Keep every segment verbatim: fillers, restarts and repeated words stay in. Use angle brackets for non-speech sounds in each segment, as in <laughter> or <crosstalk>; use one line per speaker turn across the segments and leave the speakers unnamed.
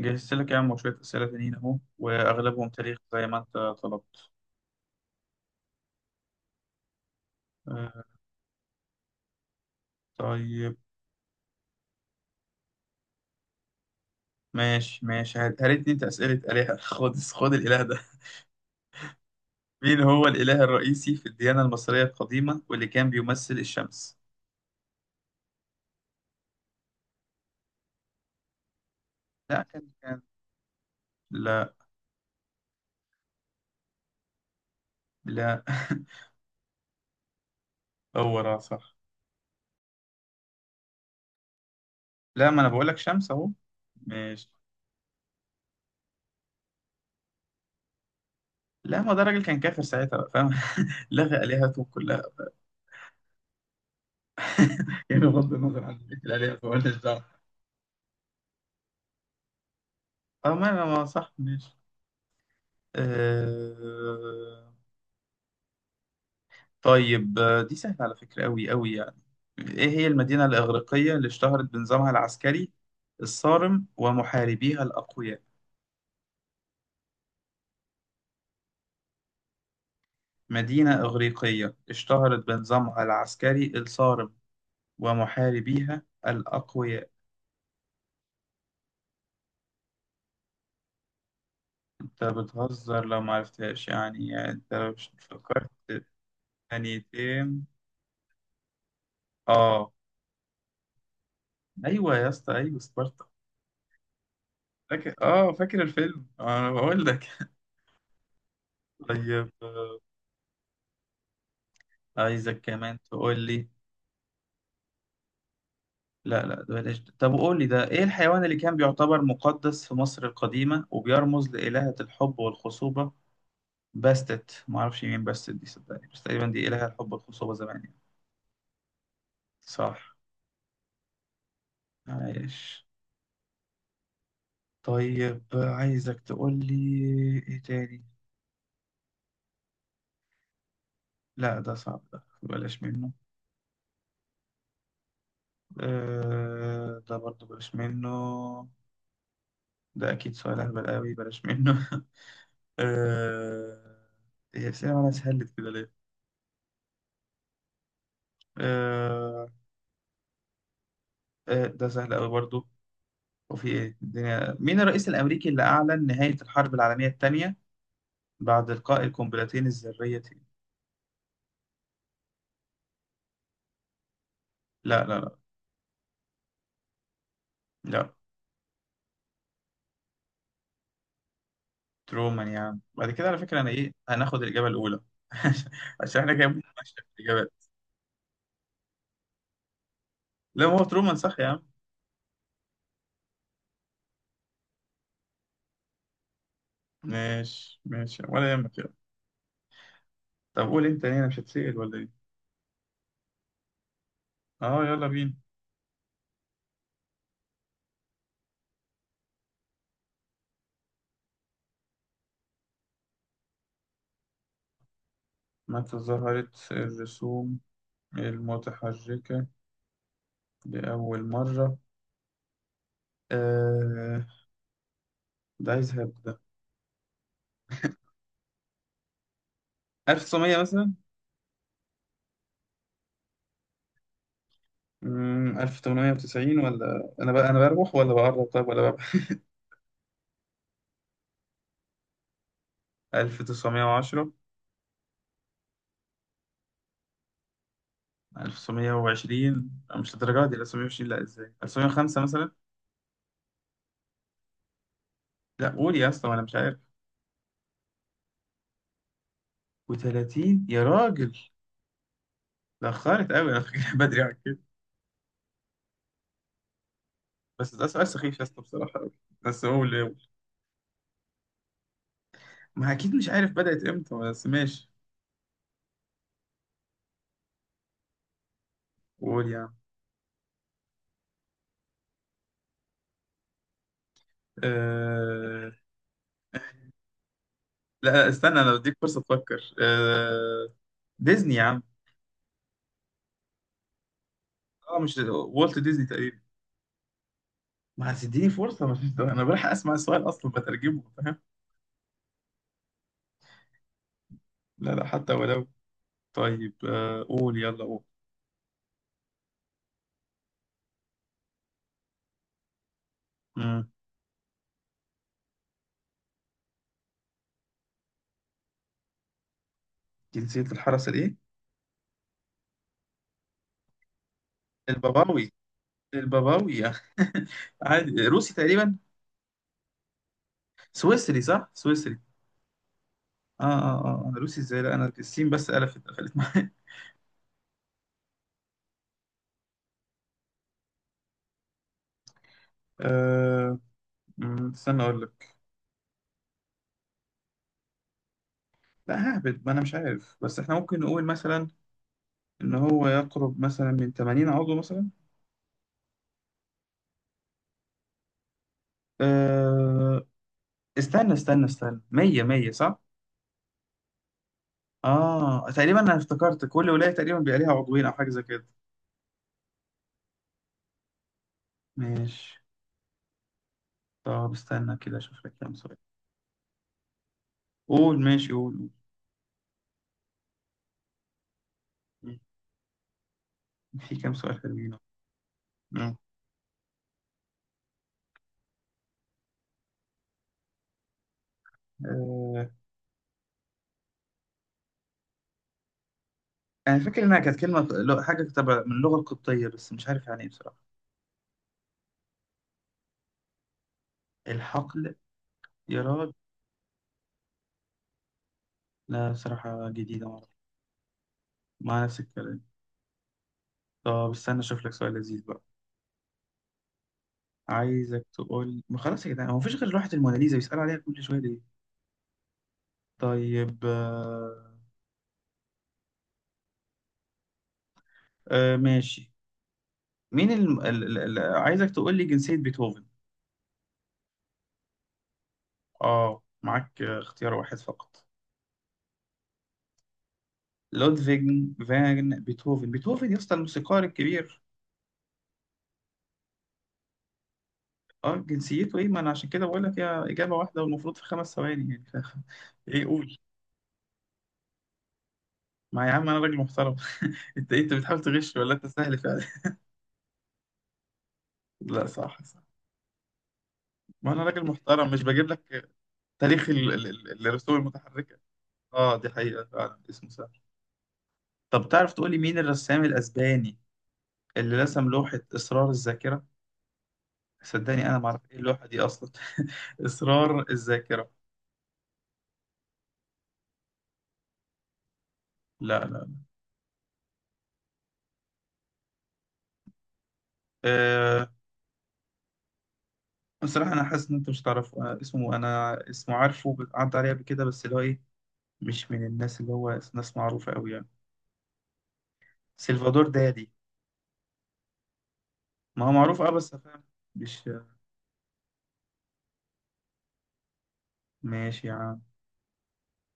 جهزت لك يا عم شوية أسئلة تانيين أهو، وأغلبهم تاريخ زي ما أنت طلبت. آه طيب. ماشي ماشي، هات- هاتني أنت أسئلة آلهة <laughs> خد خد الإله ده. مين هو الإله الرئيسي في الديانة المصرية القديمة واللي كان بيمثل الشمس؟ لا، كان كان. لا، لا. <laughs> هو را، صح. لا، ما أنا بقول لك شمس أهو. ماشي. لا، ما ده راجل كان كافر ساعتها، بقى فاهم؟ <laughs> لغى آلهته كلها. <laughs> يعني بغض النظر عن بقية الآلهة، فمالناش دعوة. أه، ما ما صح، ماشي. آه... طيب، آه، دي سهلة على فكرة، أوي أوي يعني. إيه هي المدينة الإغريقية اللي اشتهرت بنظامها العسكري الصارم ومحاربيها الأقوياء؟ مدينة إغريقية اشتهرت بنظامها العسكري الصارم ومحاربيها الأقوياء. أنت بتهزر لو معرفتهاش، يعني يعني أنت لو مش فكرت في ثانيتين. آه. أيوة يا اسطى، أيوة سبارتا. فاكر آه فاكر الفيلم، أنا بقول لك. <laughs> طيب، آه، عايزك كمان تقول لي. لا لا، ده بلاش ده. طب قول لي ده، ايه الحيوان اللي كان بيعتبر مقدس في مصر القديمة وبيرمز لإلهة الحب والخصوبة؟ باستت، ما اعرفش مين باستت دي، صدقني، بس تقريبا دي إلهة الحب والخصوبة زمان يعني. صح، عايش. طيب، عايزك تقول لي ايه تاني. لا ده صعب ده بلاش منه. آه ده برضو بلاش منه. ده اكيد سؤال اهبل قوي، بلاش منه. <laughs> آه إيه الأسئلة مالها سهلت كده ليه؟ آه... آه، ده سهل قوي برضو. وفي ايه الدنيا، مين الرئيس الامريكي اللي اعلن نهاية الحرب العالمية الثانية بعد القاء القنبلتين الذريتين؟ لا، لا، لا. لا. ترومان يا عم، بعد كده على فكرة انا ايه، هناخد الاجابة الاولى. <laughs> عشان احنا جايبين ماشية في الاجابات. لا، ما هو ترومان صح يا عم. ماشي ماشي، ولا يهمك، يلا. طب قول انت ليه، انا مش هتسأل ولا ايه؟ اه، يلا بينا. متى ظهرت الرسوم المتحركة لأول مرة؟ آه ده عايز هبدأ. ألف وتسعمية مثلا. امم ألف وتمنمية وتسعين، ولا انا بقى، انا بروح ولا بقرب، طيب ولا بقى؟ ألف وتسعمية وعشرة. ألف وتسعمية وعشرين. لا، مش الدرجة دي. ألف وتسعمية وعشرين؟ لا، ازاي. ألف وتسعمية وخمسة مثلا. لا قول يا اسطى، انا مش عارف. وتلاتين؟ يا راجل، اتاخرت قوي، انا فاكر <laughs> بدري عن كده. بس ده سؤال سخيف يا اسطى، بصراحة قوي. بس قول قول. ما اكيد مش عارف بدأت امتى، بس ماشي. قول يا عم. أه... لا لا، استنى، انا بديك فرصة تفكر. أه... ديزني يا عم. اه مش، والت ديزني تقريبا. ما هتديني فرصة، ما فيش ده. أنا بلحق أسمع السؤال أصلا بترجمه، فاهم؟ لا لا، حتى ولو. طيب، آه، قول يلا قول. مم. جنسية الحرس الإيه؟ الباباوي. الباباوي. <laughs> عادي، روسي تقريبا. سويسري صح؟ سويسري. آه آه آه آه. أنا روسي إزاي؟ لا أنا السين بس قلفت قفلت معايا. <laughs> آه مم، استنى أقول لك. لا ههبد، ما أنا مش عارف، بس إحنا ممكن نقول مثلا إن هو يقرب مثلا من تمانين عضو مثلا. آه استنى استنى استنى، مية مية صح؟ اه تقريبا، انا افتكرت كل ولاية تقريبا بيبقى ليها عضوين او حاجة زي كده. ماشي. طب استنى كده اشوف لك كام سؤال. قول ماشي قول. قول. في كام سؤال حلوين أهو. مم. آه. انا فاكر انها كانت كلمة لو- حاجة تبع من اللغة القبطية، بس مش عارف يعني ايه بصراحة. الحقل. يا راجل. لا بصراحة جديدة، معرفش. مع نفس الكلام. طب استنى اشوف لك سؤال لذيذ بقى. عايزك تقول، ما خلاص يا جدعان، هو مفيش غير لوحة الموناليزا بيسألوا عليها كل شوية ليه؟ طيب. آه. آه. ماشي. مين ال... ال... ال... ال- عايزك تقول لي جنسية بيتهوفن. اه معاك، آه، اختيار واحد فقط. لودفيج فان بيتهوفن. بيتهوفن يا اسطى، الموسيقار الكبير. اه جنسيته ايه؟ ما انا عشان كده بقول لك، هي اجابة واحدة والمفروض في خمس ثواني يعني، ف... <laughs> ايه قول. ما يا عم انا راجل محترم. <laughs> انت إيه، انت بتحاول تغش ولا انت سهل فعلا؟ <laughs> لا صح صح. ما انا راجل محترم، مش بجيب لك تاريخ ال- ال- ال- الرسوم المتحركة. اه دي حقيقة، فعلا اسمه سهل. طب تعرف تقول لي مين الرسام الاسباني اللي رسم لوحة إصرار الذاكرة؟ صدقني انا ما اعرف ايه اللوحه دي اصلا. <laughs> اسرار الذاكره. لا، لا. أه بصراحه انا حاسس ان انت مش تعرفه. أنا اسمه انا اسمه عارفه، عدى عليه قبل كده، بس اللي هو ايه، مش من الناس اللي هو ناس معروفه قوي يعني. سلفادور دالي. ما هو معروف، اه بس فاهم. مش، ماشي يا عم.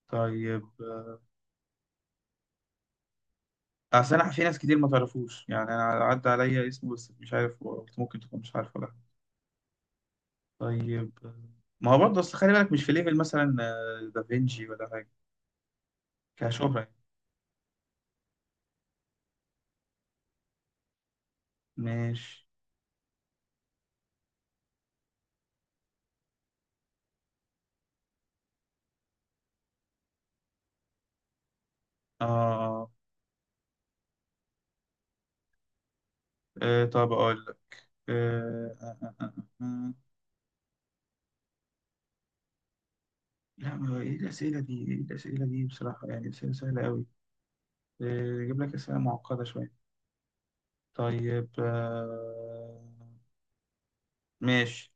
طيب، آه، اصل انا في ناس كتير ما تعرفوش، يعني انا عدى عليا اسمه بس مش عارف، هو- ممكن تكون مش عارفه، لا. طيب. آه، ما هو برضه اصل خلي بالك، مش في ليفل مثلا آه، دافنشي ولا حاجه، كشهره يعني. ماشي. آه آه طب أقول لك. آه آه آه آه. آه. آه. لا ما هو إيه الأسئلة دي؟ إيه الأسئلة دي بصراحة، يعني أسئلة سهلة أوي. آه، أجيب لك أسئلة معقدة شوية. طيب. آه ماشي.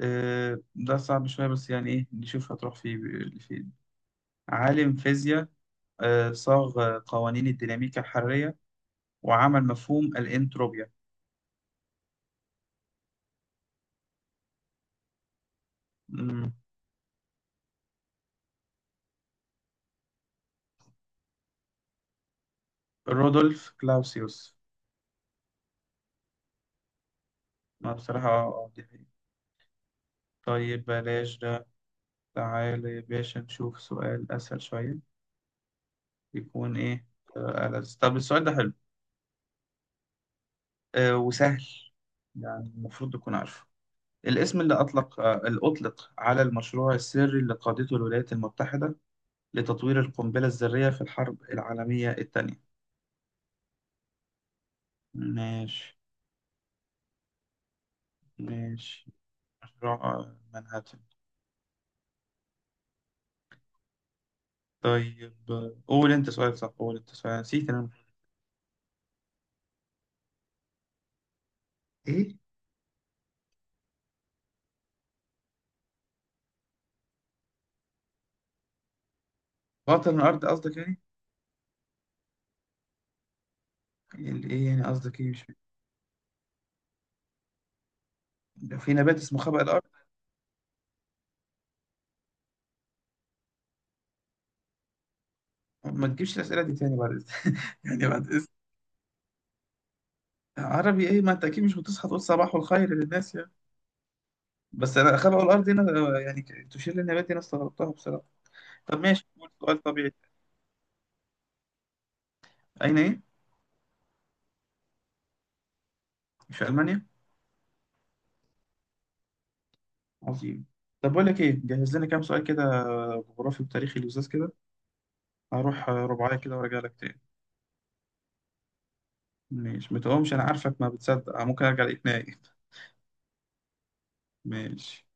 آه ده صعب شوية، بس يعني إيه، نشوف هتروح في فين. عالم فيزياء، آه صاغ قوانين الديناميكا الحرارية، وعمل مفهوم الإنتروبيا. مم. رودولف كلاوسيوس. ما بصراحة، آه، آه، دي حقيقة. طيب بلاش. تعالى يا باشا نشوف سؤال أسهل شوية، يكون إيه. آه، ألذ، طب السؤال ده حلو آه، وسهل، يعني المفروض تكون عارفه. الاسم اللي أطلق آه، اللي أطلق على المشروع السري اللي قادته الولايات المتحدة لتطوير القنبلة الذرية في الحرب العالمية الثانية. ماشي ماشي. مشروع آه، منهاتن. طيب، آه، قول أنت سؤال، صح قول أنت سؤال، نسيت أنا. إيه؟ باطن الأرض قصدك يعني؟ ال- إيه يعني قصدك إيه، مش فاهم. في نبات اسمه خبأ الأرض؟ ما تجيبش الأسئلة دي تاني بعد إذن- <laughs> يعني بعد إذن. عربي إيه؟ ما أنت أكيد مش هتصحى تقول صباح الخير للناس يعني، بس أنا خلقوا الأرض هنا، آه، يعني ك- تشير للنبات دي، أنا استغربتها بصراحة. طب ماشي، قول سؤال طبيعي. أين إيه؟ في ألمانيا. عظيم. طب بقول لك إيه، جهز لنا كام سؤال كده، آه، جغرافي وتاريخي لزاز كده. هروح آه، رباعية كده وأرجع لك تاني. ماشي. ما تقومش، أنا عارفك ما بتصدق، ممكن أرجع ألاقيك نايم. ماشي.